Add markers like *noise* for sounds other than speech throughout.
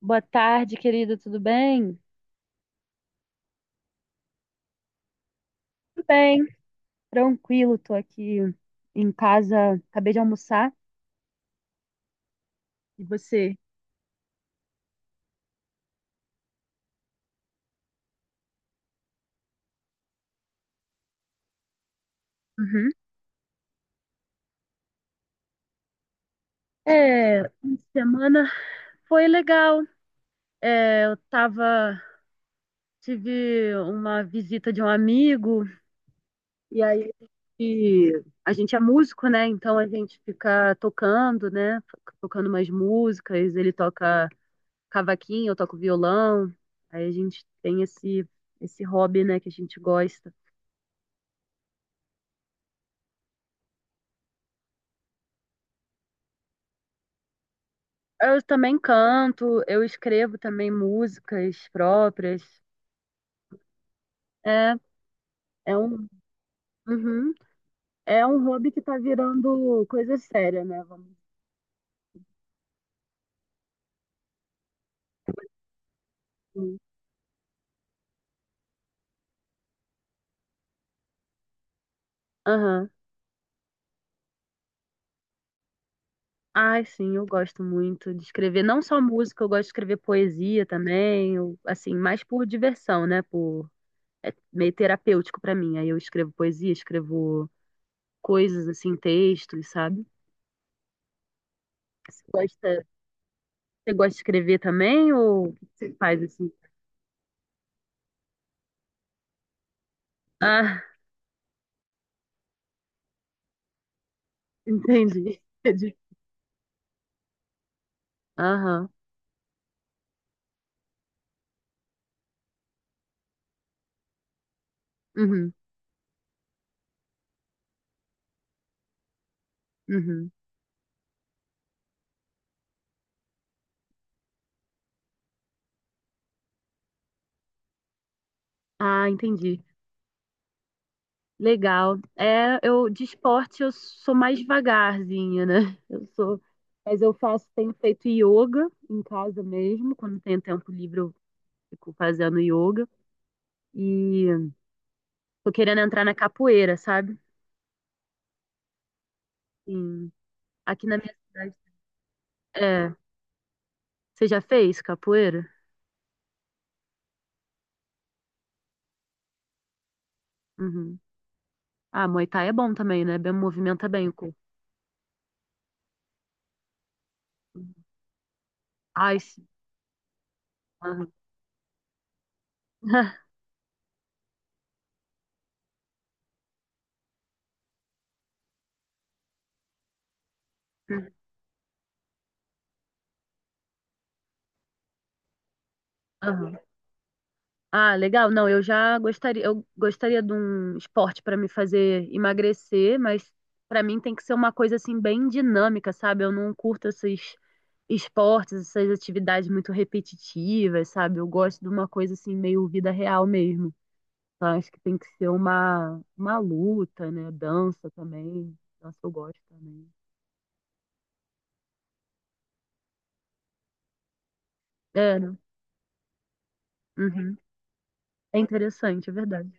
Boa tarde, querido, tudo bem? Tudo bem, tranquilo, tô aqui em casa, acabei de almoçar. E você? Uhum. É, fim de semana foi legal. É, eu tava, tive uma visita de um amigo, e aí e a gente é músico, né? Então a gente fica tocando, né? Tocando umas músicas, ele toca cavaquinho, eu toco violão. Aí a gente tem esse hobby, né, que a gente gosta. Eu também canto, eu escrevo também músicas próprias. É, é um, uhum. É um hobby que tá virando coisa séria, né? Vamos dizer. Aham. Ai, sim, eu gosto muito de escrever. Não só música, eu gosto de escrever poesia também. Assim, mais por diversão, né? É meio terapêutico pra mim. Aí eu escrevo poesia, escrevo coisas assim, textos, sabe? Você gosta, você gosta de escrever também ou o que você faz assim? Ah, entendi. *laughs* Aham. Uhum. Uhum. Ah, entendi. Legal. É, eu de esporte eu sou mais devagarzinha, né? *laughs* Eu sou, mas eu faço, tenho feito yoga em casa mesmo, quando tenho tempo livre eu fico fazendo yoga e tô querendo entrar na capoeira, sabe? Sim. Aqui na minha cidade. É, você já fez capoeira? Uhum. Ah, Muay Thai é bom também, né? Bem, movimenta bem o corpo. Uhum. Ai, sim. Aham. *laughs* Aham. Ah, legal. Não, eu já gostaria de um esporte para me fazer emagrecer, mas para mim tem que ser uma coisa assim bem dinâmica, sabe? Eu não curto esses esportes, essas atividades muito repetitivas, sabe? Eu gosto de uma coisa assim meio vida real mesmo. Então, acho que tem que ser uma luta, né? Dança também. Dança eu gosto também. É, né? Uhum. É interessante, é verdade.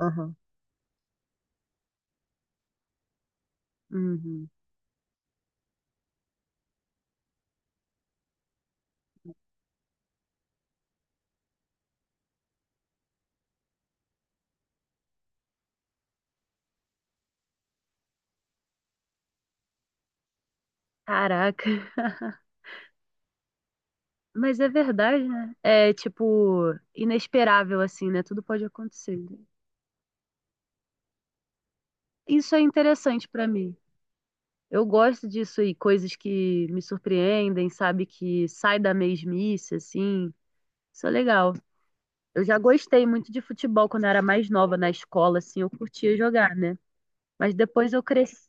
Aham. Uhum. Caraca. *laughs* Mas é verdade, né? É tipo inesperável assim, né? Tudo pode acontecer. Isso é interessante pra mim. Eu gosto disso e coisas que me surpreendem, sabe? Que sai da mesmice, assim. Isso é legal. Eu já gostei muito de futebol quando eu era mais nova na escola, assim, eu curtia jogar, né? Mas depois eu cresci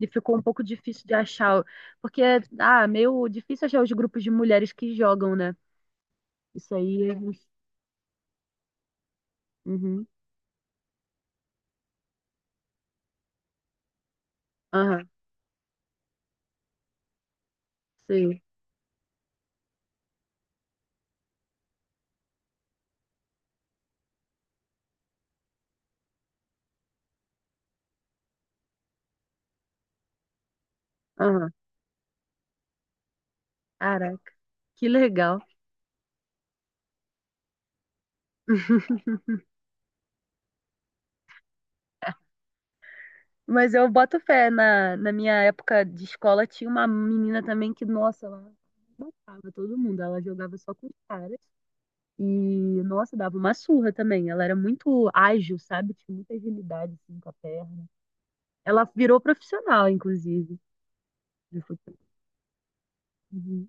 e ficou um pouco difícil de achar, porque ah, meio difícil achar os grupos de mulheres que jogam, né? Isso aí, é- uhum, aham, sim, aham. Caraca, que legal. *laughs* Mas eu boto fé, na minha época de escola tinha uma menina também que, nossa, ela matava todo mundo, ela jogava só com os caras e, nossa, dava uma surra também. Ela era muito ágil, sabe? Tinha muita agilidade assim, com a perna. Ela virou profissional, inclusive, de futebol. Uhum.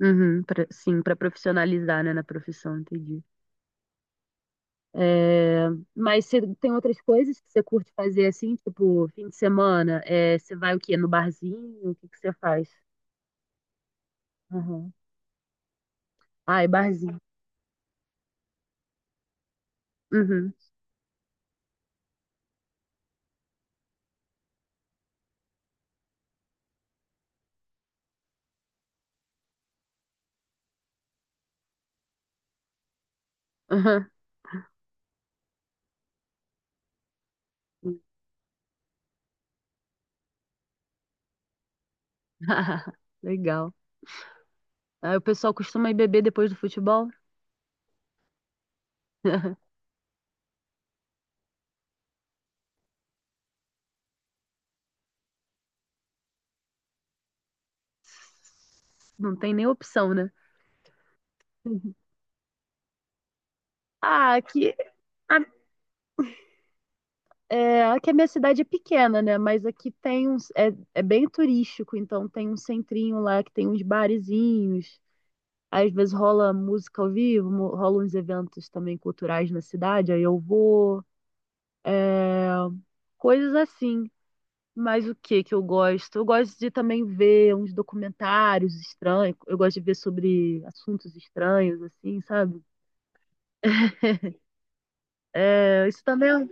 Sim, para profissionalizar, né, na profissão, entendi. É, mas você tem outras coisas que você curte fazer assim, tipo, fim de semana? É, você vai o quê? No barzinho? O que que você faz? Uhum. Ai, barzinho. Uhum. Uhum. *laughs* Legal. Aí o pessoal costuma ir beber depois do futebol? *laughs* Não tem nem opção, né? Uhum. Ah, aqui, a, Aqui a minha cidade é pequena, né? Mas aqui tem é bem turístico, então tem um centrinho lá que tem uns barezinhos. Às vezes rola música ao vivo, rola uns eventos também culturais na cidade, aí eu vou, ah, coisas assim. Mas o que que eu gosto? Eu gosto de também ver uns documentários estranhos, eu gosto de ver sobre assuntos estranhos, assim, sabe? É, isso também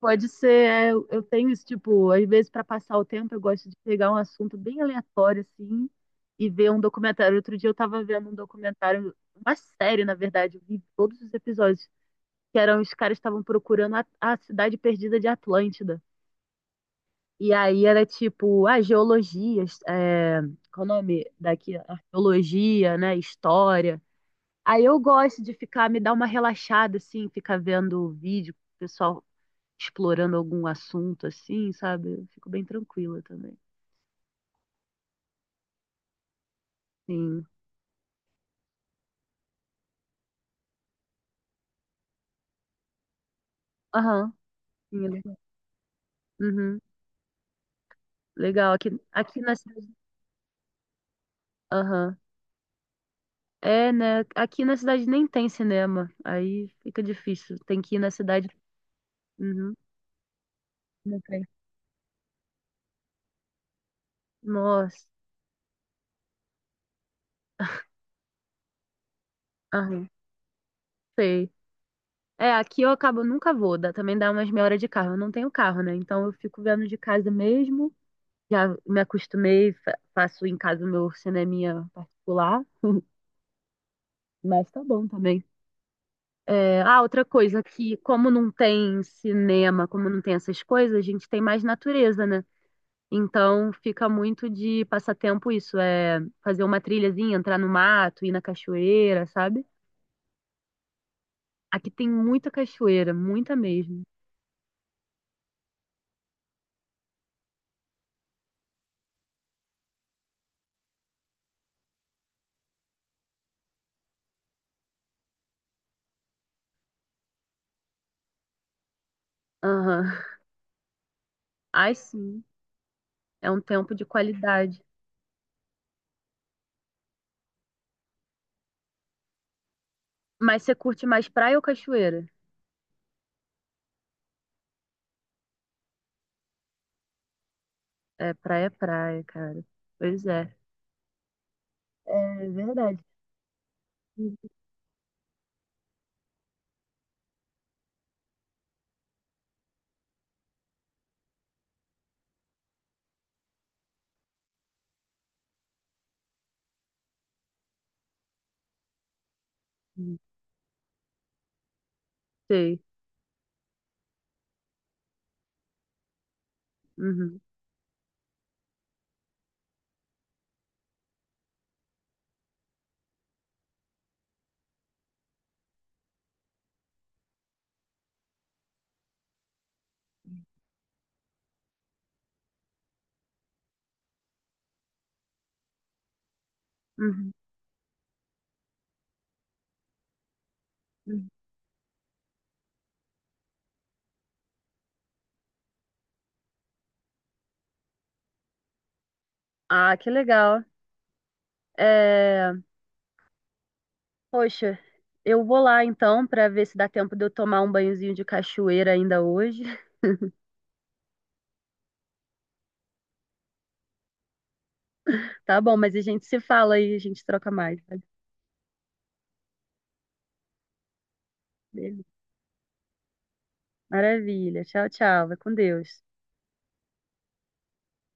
pode ser, é, eu tenho isso, tipo, às vezes para passar o tempo eu gosto de pegar um assunto bem aleatório, assim, e ver um documentário. Outro dia eu tava vendo um documentário, uma série, na verdade, eu vi todos os episódios que eram os caras que estavam procurando a cidade perdida de Atlântida. E aí era tipo, a geologia, é, qual é o nome daqui? Arqueologia, né? História. Aí eu gosto de ficar, me dar uma relaxada, assim, ficar vendo vídeo, pessoal explorando algum assunto, assim, sabe? Eu fico bem tranquila também. Sim. Aham. Sim, é legal. Uhum. Legal. Aqui, aqui na cidade. Aham. É, né? Aqui na cidade nem tem cinema. Aí fica difícil. Tem que ir na cidade. Uhum. Ok. Nossa, ah, sei. É, aqui eu acabo, nunca vou, dá- também dá umas meia hora de carro. Eu não tenho carro, né? Então eu fico vendo de casa mesmo. Já me acostumei, faço em casa o meu cineminha particular, *laughs* mas tá bom também. É, ah, outra coisa que, como não tem cinema, como não tem essas coisas, a gente tem mais natureza, né? Então fica muito de passatempo isso, é fazer uma trilhazinha, entrar no mato, ir na cachoeira, sabe? Aqui tem muita cachoeira, muita mesmo. Aham. Ai, sim. É um tempo de qualidade. Mas você curte mais praia ou cachoeira? É praia, cara. Pois é. É verdade. Uhum. Sei. Uhum. Uhum. Uhum. Ah, que legal. É... Poxa, eu vou lá então pra ver se dá tempo de eu tomar um banhozinho de cachoeira ainda hoje. *laughs* Tá bom, mas a gente se fala aí, a gente troca mais. Tá? Beleza. Maravilha. Tchau, tchau. Vai com Deus.